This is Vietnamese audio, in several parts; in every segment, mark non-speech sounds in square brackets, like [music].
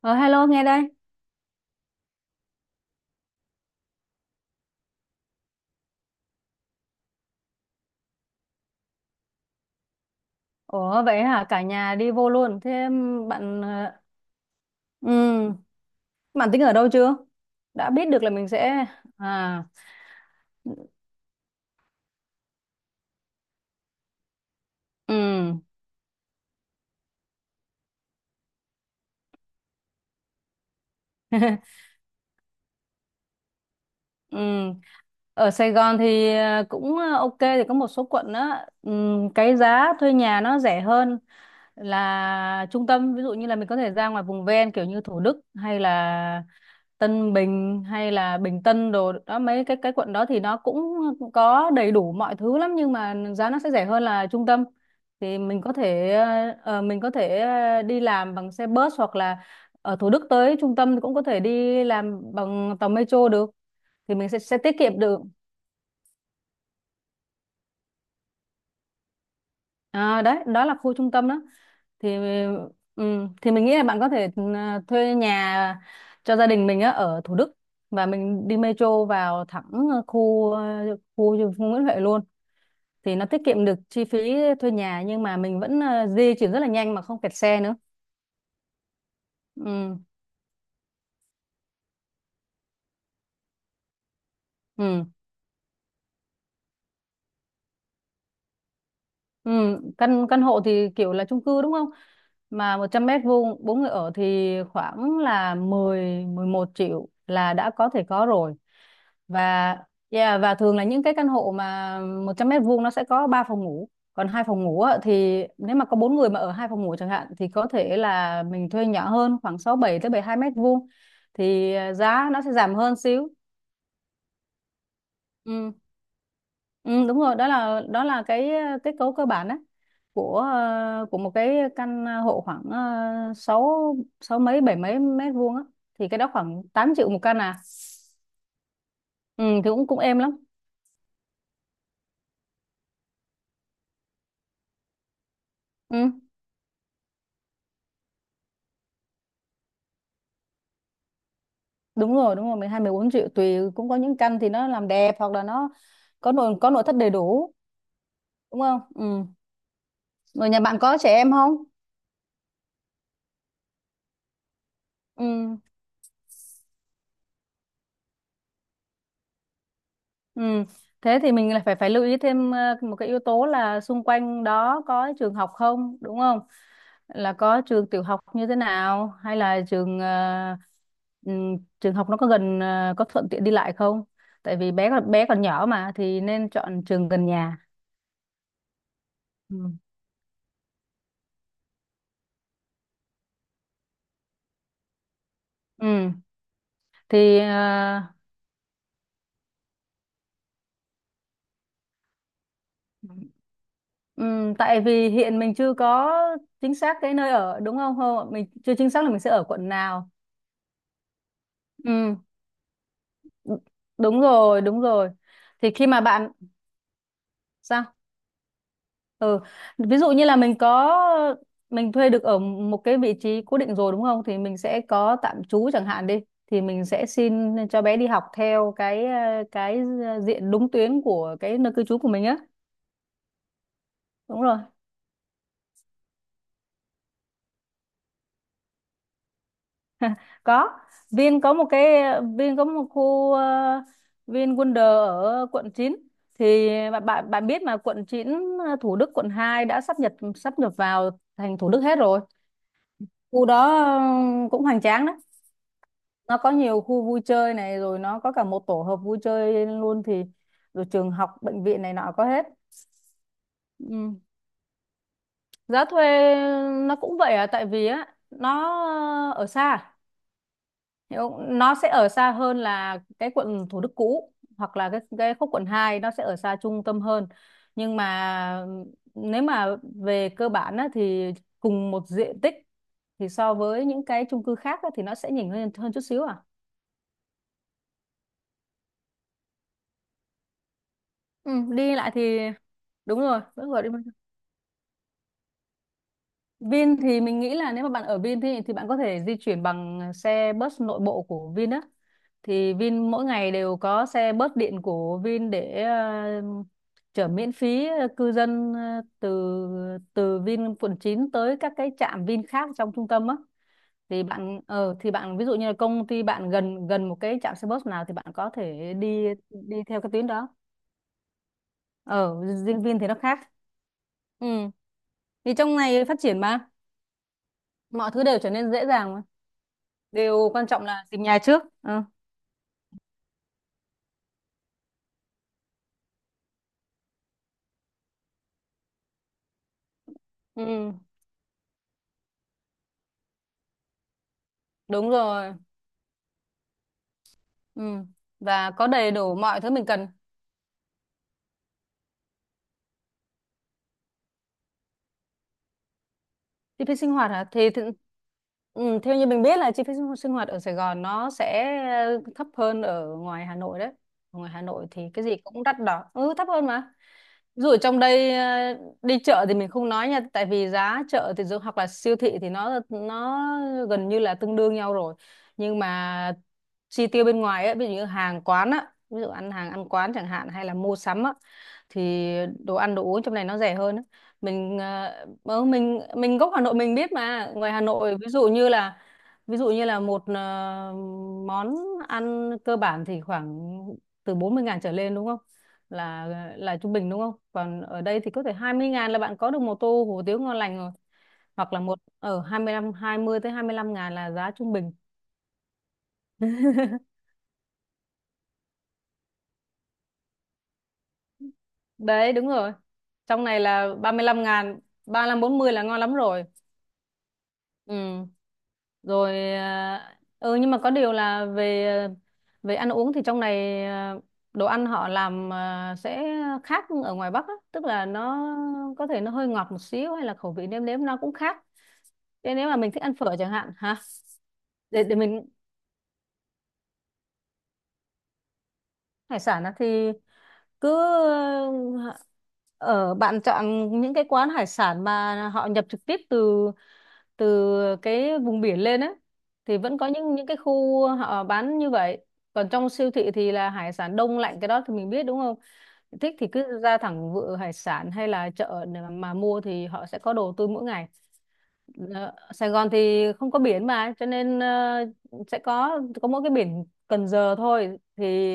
Ờ, Hello nghe đây. Ủa vậy hả? Cả nhà đi vô luôn. Thế bạn ờ, ừ, bạn tính ở đâu chưa? Đã biết được là mình sẽ à ừ. [laughs] Ừ. Ở Sài Gòn thì ok thì có một số quận đó, ừ, cái giá thuê nhà nó rẻ hơn là trung tâm. Ví dụ như là mình có thể ra ngoài vùng ven kiểu như Thủ Đức hay là Tân Bình hay là Bình Tân đồ đó, mấy cái quận đó thì nó cũng có đầy đủ mọi thứ lắm nhưng mà giá nó sẽ rẻ hơn là trung tâm. Thì mình có thể mình có thể đi làm bằng xe bus hoặc là ở Thủ Đức tới trung tâm thì cũng có thể đi làm bằng tàu metro được. Thì mình sẽ tiết kiệm được. À, đấy đó là khu trung tâm đó. Thì ừ, thì mình nghĩ là bạn có thể, ừ, thuê nhà cho gia đình mình á ở Thủ Đức và mình đi metro vào thẳng khu khu Nguyễn Huệ luôn. Thì nó tiết kiệm được chi phí thuê nhà nhưng mà mình vẫn di chuyển rất là nhanh mà không kẹt xe nữa. Ừ, ừ, ừ. căn căn hộ thì kiểu là chung cư đúng không? Mà 100 m² bốn người ở thì khoảng là mười mười một triệu là đã có thể có rồi. Và yeah, và thường là những cái căn hộ mà 100 m² nó sẽ có 3 phòng ngủ. Còn hai phòng ngủ á, thì nếu mà có bốn người mà ở hai phòng ngủ chẳng hạn thì có thể là mình thuê nhỏ hơn khoảng 67 tới 72 m². Thì à, giá nó sẽ giảm hơn xíu. Ừ. Ừ, đúng rồi, đó là cái kết cấu cơ bản á của của một cái căn hộ khoảng sáu sáu mấy bảy mấy mét vuông á thì cái đó khoảng 8 triệu một căn. À ừ, thì cũng cũng êm lắm. Ừ, đúng rồi đúng rồi, 12, 14 triệu tùy. Cũng có những căn thì nó làm đẹp hoặc là nó có nội thất đầy đủ đúng không? Ừ. Rồi nhà bạn có trẻ em không? Ừ. Ừ. Thế thì mình lại phải phải lưu ý thêm một cái yếu tố là xung quanh đó có trường học không, đúng không? Là có trường tiểu học như thế nào hay là trường trường học nó có gần có thuận tiện đi lại không? Tại vì bé còn nhỏ mà thì nên chọn trường gần nhà. Ừ. Ừ. Thì tại vì hiện mình chưa có chính xác cái nơi ở đúng không? Không, mình chưa chính xác là mình sẽ ở quận nào. Ừ. đ- Đúng rồi, đúng rồi. Thì khi mà bạn sao, ừ, ví dụ như là mình thuê được ở một cái vị trí cố định rồi đúng không thì mình sẽ có tạm trú chẳng hạn đi, thì mình sẽ xin cho bé đi học theo cái cái diện đúng tuyến của cái nơi cư trú của mình á. Đúng rồi, có. Vin có một cái Vin có một khu Vin Wonder ở quận chín. Thì bạn bạn bạn biết mà, quận chín, Thủ Đức quận 2 đã sắp nhập vào thành Thủ Đức hết rồi. Khu đó cũng hoành tráng đó. Nó có nhiều khu vui chơi này, rồi nó có cả một tổ hợp vui chơi luôn. Thì rồi trường học bệnh viện này nọ có hết. Ừ. Giá thuê nó cũng vậy à, tại vì á nó ở xa hiểu không? Nó sẽ ở xa hơn là cái quận Thủ Đức cũ hoặc là cái khúc quận hai, nó sẽ ở xa trung tâm hơn. Nhưng mà nếu mà về cơ bản á, thì cùng một diện tích thì so với những cái chung cư khác á, thì nó sẽ nhỉnh hơn hơn chút xíu à. Ừ, đi lại thì đúng rồi vẫn gọi đi. Vin thì mình nghĩ là nếu mà bạn ở Vin thì bạn có thể di chuyển bằng xe bus nội bộ của Vin á. Thì Vin mỗi ngày đều có xe bus điện của Vin để chở miễn phí cư dân từ từ Vin quận 9 tới các cái trạm Vin khác trong trung tâm á. Thì bạn ờ thì bạn ví dụ như là công ty bạn gần gần một cái trạm xe bus nào thì bạn có thể đi đi theo cái tuyến đó. Ở riêng Vin thì nó khác. Ừ. Thì trong này phát triển mà, mọi thứ đều trở nên dễ dàng mà. Điều quan trọng là tìm nhà trước. Ừ. Ừ. Đúng rồi. Ừ. Và có đầy đủ mọi thứ mình cần. Chi phí sinh hoạt hả? Thì ừ, theo như mình biết là chi phí sinh sinh hoạt ở Sài Gòn nó sẽ thấp hơn ở ngoài Hà Nội đấy. Ở ngoài Hà Nội thì cái gì cũng đắt đỏ, ừ, thấp hơn mà. Ví dụ ở trong đây đi chợ thì mình không nói nha, tại vì giá chợ thì hoặc là siêu thị thì nó gần như là tương đương nhau rồi. Nhưng mà chi tiêu bên ngoài ấy, ví dụ như hàng quán á, ví dụ ăn hàng ăn quán chẳng hạn hay là mua sắm á, thì đồ ăn đồ uống trong này nó rẻ hơn á. Mình mình gốc Hà Nội mình biết mà, ngoài Hà Nội ví dụ như là ví dụ như là một ờ, món ăn cơ bản thì khoảng từ 40.000 trở lên đúng không? là là trung bình đúng không? Còn ở đây thì có thể 20.000 là bạn có được một tô hủ tiếu ngon lành rồi. Hoặc là một ở hai mươi lăm, hai mươi tới 25 ngàn là giá trung bình. [laughs] Đấy đúng rồi. Trong này là 35.000, 35, 40 là ngon lắm rồi. Ừ. Rồi à, ừ, nhưng mà có điều là về về ăn uống thì trong này à, đồ ăn họ làm à, sẽ khác ở ngoài Bắc á. Tức là nó có thể nó hơi ngọt một xíu hay là khẩu vị nêm nếm nó cũng khác. Thế nếu mà mình thích ăn phở chẳng hạn hả. Để mình. Hải sản á thì cứ ờ, ở bạn chọn những cái quán hải sản mà họ nhập trực tiếp từ từ cái vùng biển lên ấy thì vẫn có những cái khu họ bán như vậy. Còn trong siêu thị thì là hải sản đông lạnh, cái đó thì mình biết đúng không? Thích thì cứ ra thẳng vựa hải sản hay là chợ để mà mua thì họ sẽ có đồ tươi mỗi ngày. Ờ, Sài Gòn thì không có biển mà, cho nên sẽ có mỗi cái biển Cần Giờ thôi. Thì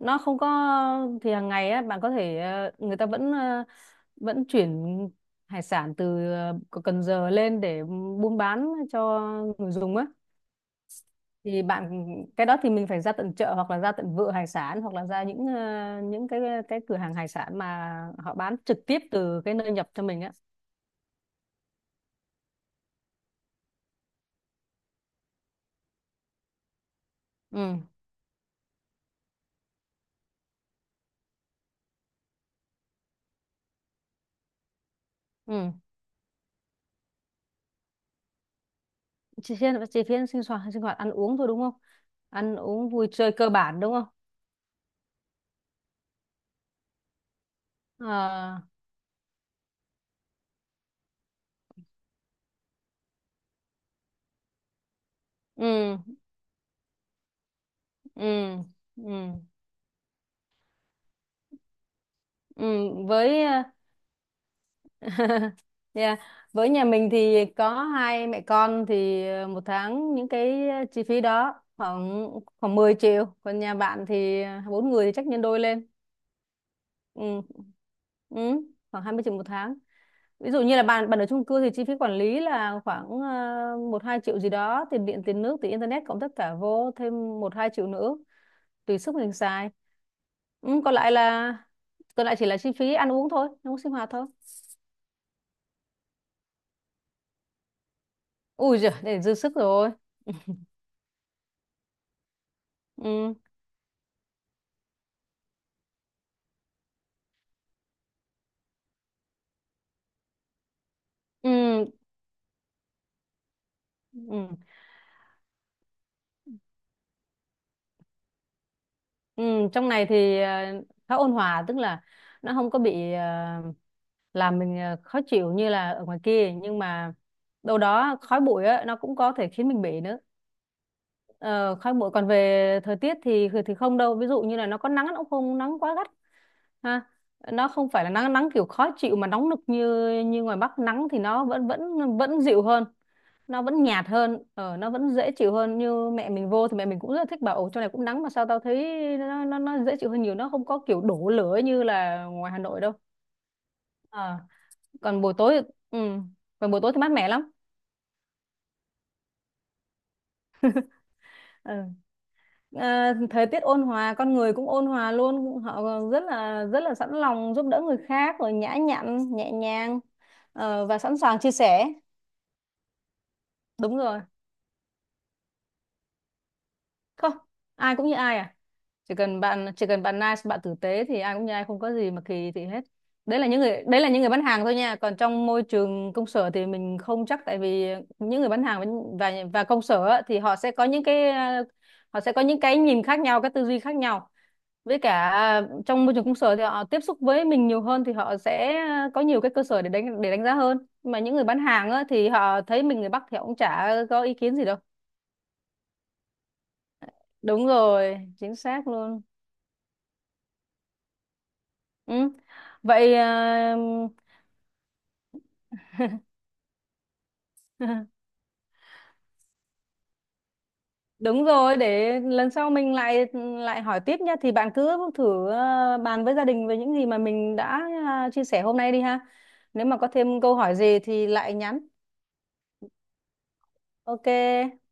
nó không có, thì hàng ngày á bạn có thể người ta vẫn vẫn chuyển hải sản từ Cần Giờ lên để buôn bán cho người dùng á. Thì bạn cái đó thì mình phải ra tận chợ hoặc là ra tận vựa hải sản hoặc là ra những những cái cửa hàng hải sản mà họ bán trực tiếp từ cái nơi nhập cho mình á. Ừ. Ừ. Chỉ phiên sinh hoạt ăn uống thôi đúng không? Ăn uống vui chơi cơ bản đúng không? Ờ, ừ ừ ừ. Ừ, với [laughs] Yeah. Với nhà mình thì có hai mẹ con thì một tháng những cái chi phí đó khoảng khoảng 10 triệu. Còn nhà bạn thì bốn người thì chắc nhân đôi lên. Ừ. Ừ. Khoảng 20 triệu một tháng. Ví dụ như là bạn bạn ở chung cư thì chi phí quản lý là khoảng 1 2 triệu gì đó, tiền điện, tiền nước, tiền internet cộng tất cả vô, thêm một 2 triệu nữa tùy sức mình xài. Ừ. Còn lại chỉ là chi phí ăn uống thôi, ăn uống sinh hoạt thôi. Ui giời, để dư sức rồi. Ừ. Ừ. Ừ. Ừ. Trong này thì khá ôn hòa, tức là nó không có bị làm mình khó chịu như là ở ngoài kia, nhưng mà đâu đó khói bụi á nó cũng có thể khiến mình bị nữa. Ờ, khói bụi, còn về thời tiết thì không đâu, ví dụ như là nó có nắng nó cũng không nắng quá gắt ha. Nó không phải là nắng nắng kiểu khó chịu mà nóng nực như như ngoài Bắc, nắng thì nó vẫn vẫn vẫn dịu hơn. Nó vẫn nhạt hơn, nó vẫn dễ chịu hơn. Như mẹ mình vô thì mẹ mình cũng rất là thích, bảo ồ chỗ này cũng nắng mà sao tao thấy nó dễ chịu hơn nhiều, nó không có kiểu đổ lửa như là ngoài Hà Nội đâu. Ờ, còn buổi tối ừ, còn buổi tối thì mát mẻ lắm. Ừ. Ờ, thời tiết ôn hòa con người cũng ôn hòa luôn, họ rất là sẵn lòng giúp đỡ người khác, rồi nhã nhặn nhẹ nhàng, và sẵn sàng chia sẻ đúng rồi. Không, ai cũng như ai à. Chỉ cần bạn chỉ cần bạn nice bạn tử tế thì ai cũng như ai, không có gì mà kỳ thị hết. Đấy là những người, đấy là những người bán hàng thôi nha. Còn trong môi trường công sở thì mình không chắc, tại vì những người bán hàng và và công sở á, thì họ sẽ có những cái họ sẽ có những cái nhìn khác nhau, cái tư duy khác nhau. Với cả trong môi trường công sở thì họ tiếp xúc với mình nhiều hơn thì họ sẽ có nhiều cái cơ sở để đánh giá hơn. Mà những người bán hàng á, thì họ thấy mình người Bắc thì họ cũng chả có ý kiến gì đâu. Đúng rồi, chính xác luôn. Ừ. Vậy à, [laughs] đúng rồi, để lần sau mình lại lại hỏi tiếp nhá. Thì bạn cứ thử à, bàn với gia đình về những gì mà mình đã à, chia sẻ hôm nay đi ha. Nếu mà có thêm câu hỏi gì thì lại nhắn. Ok.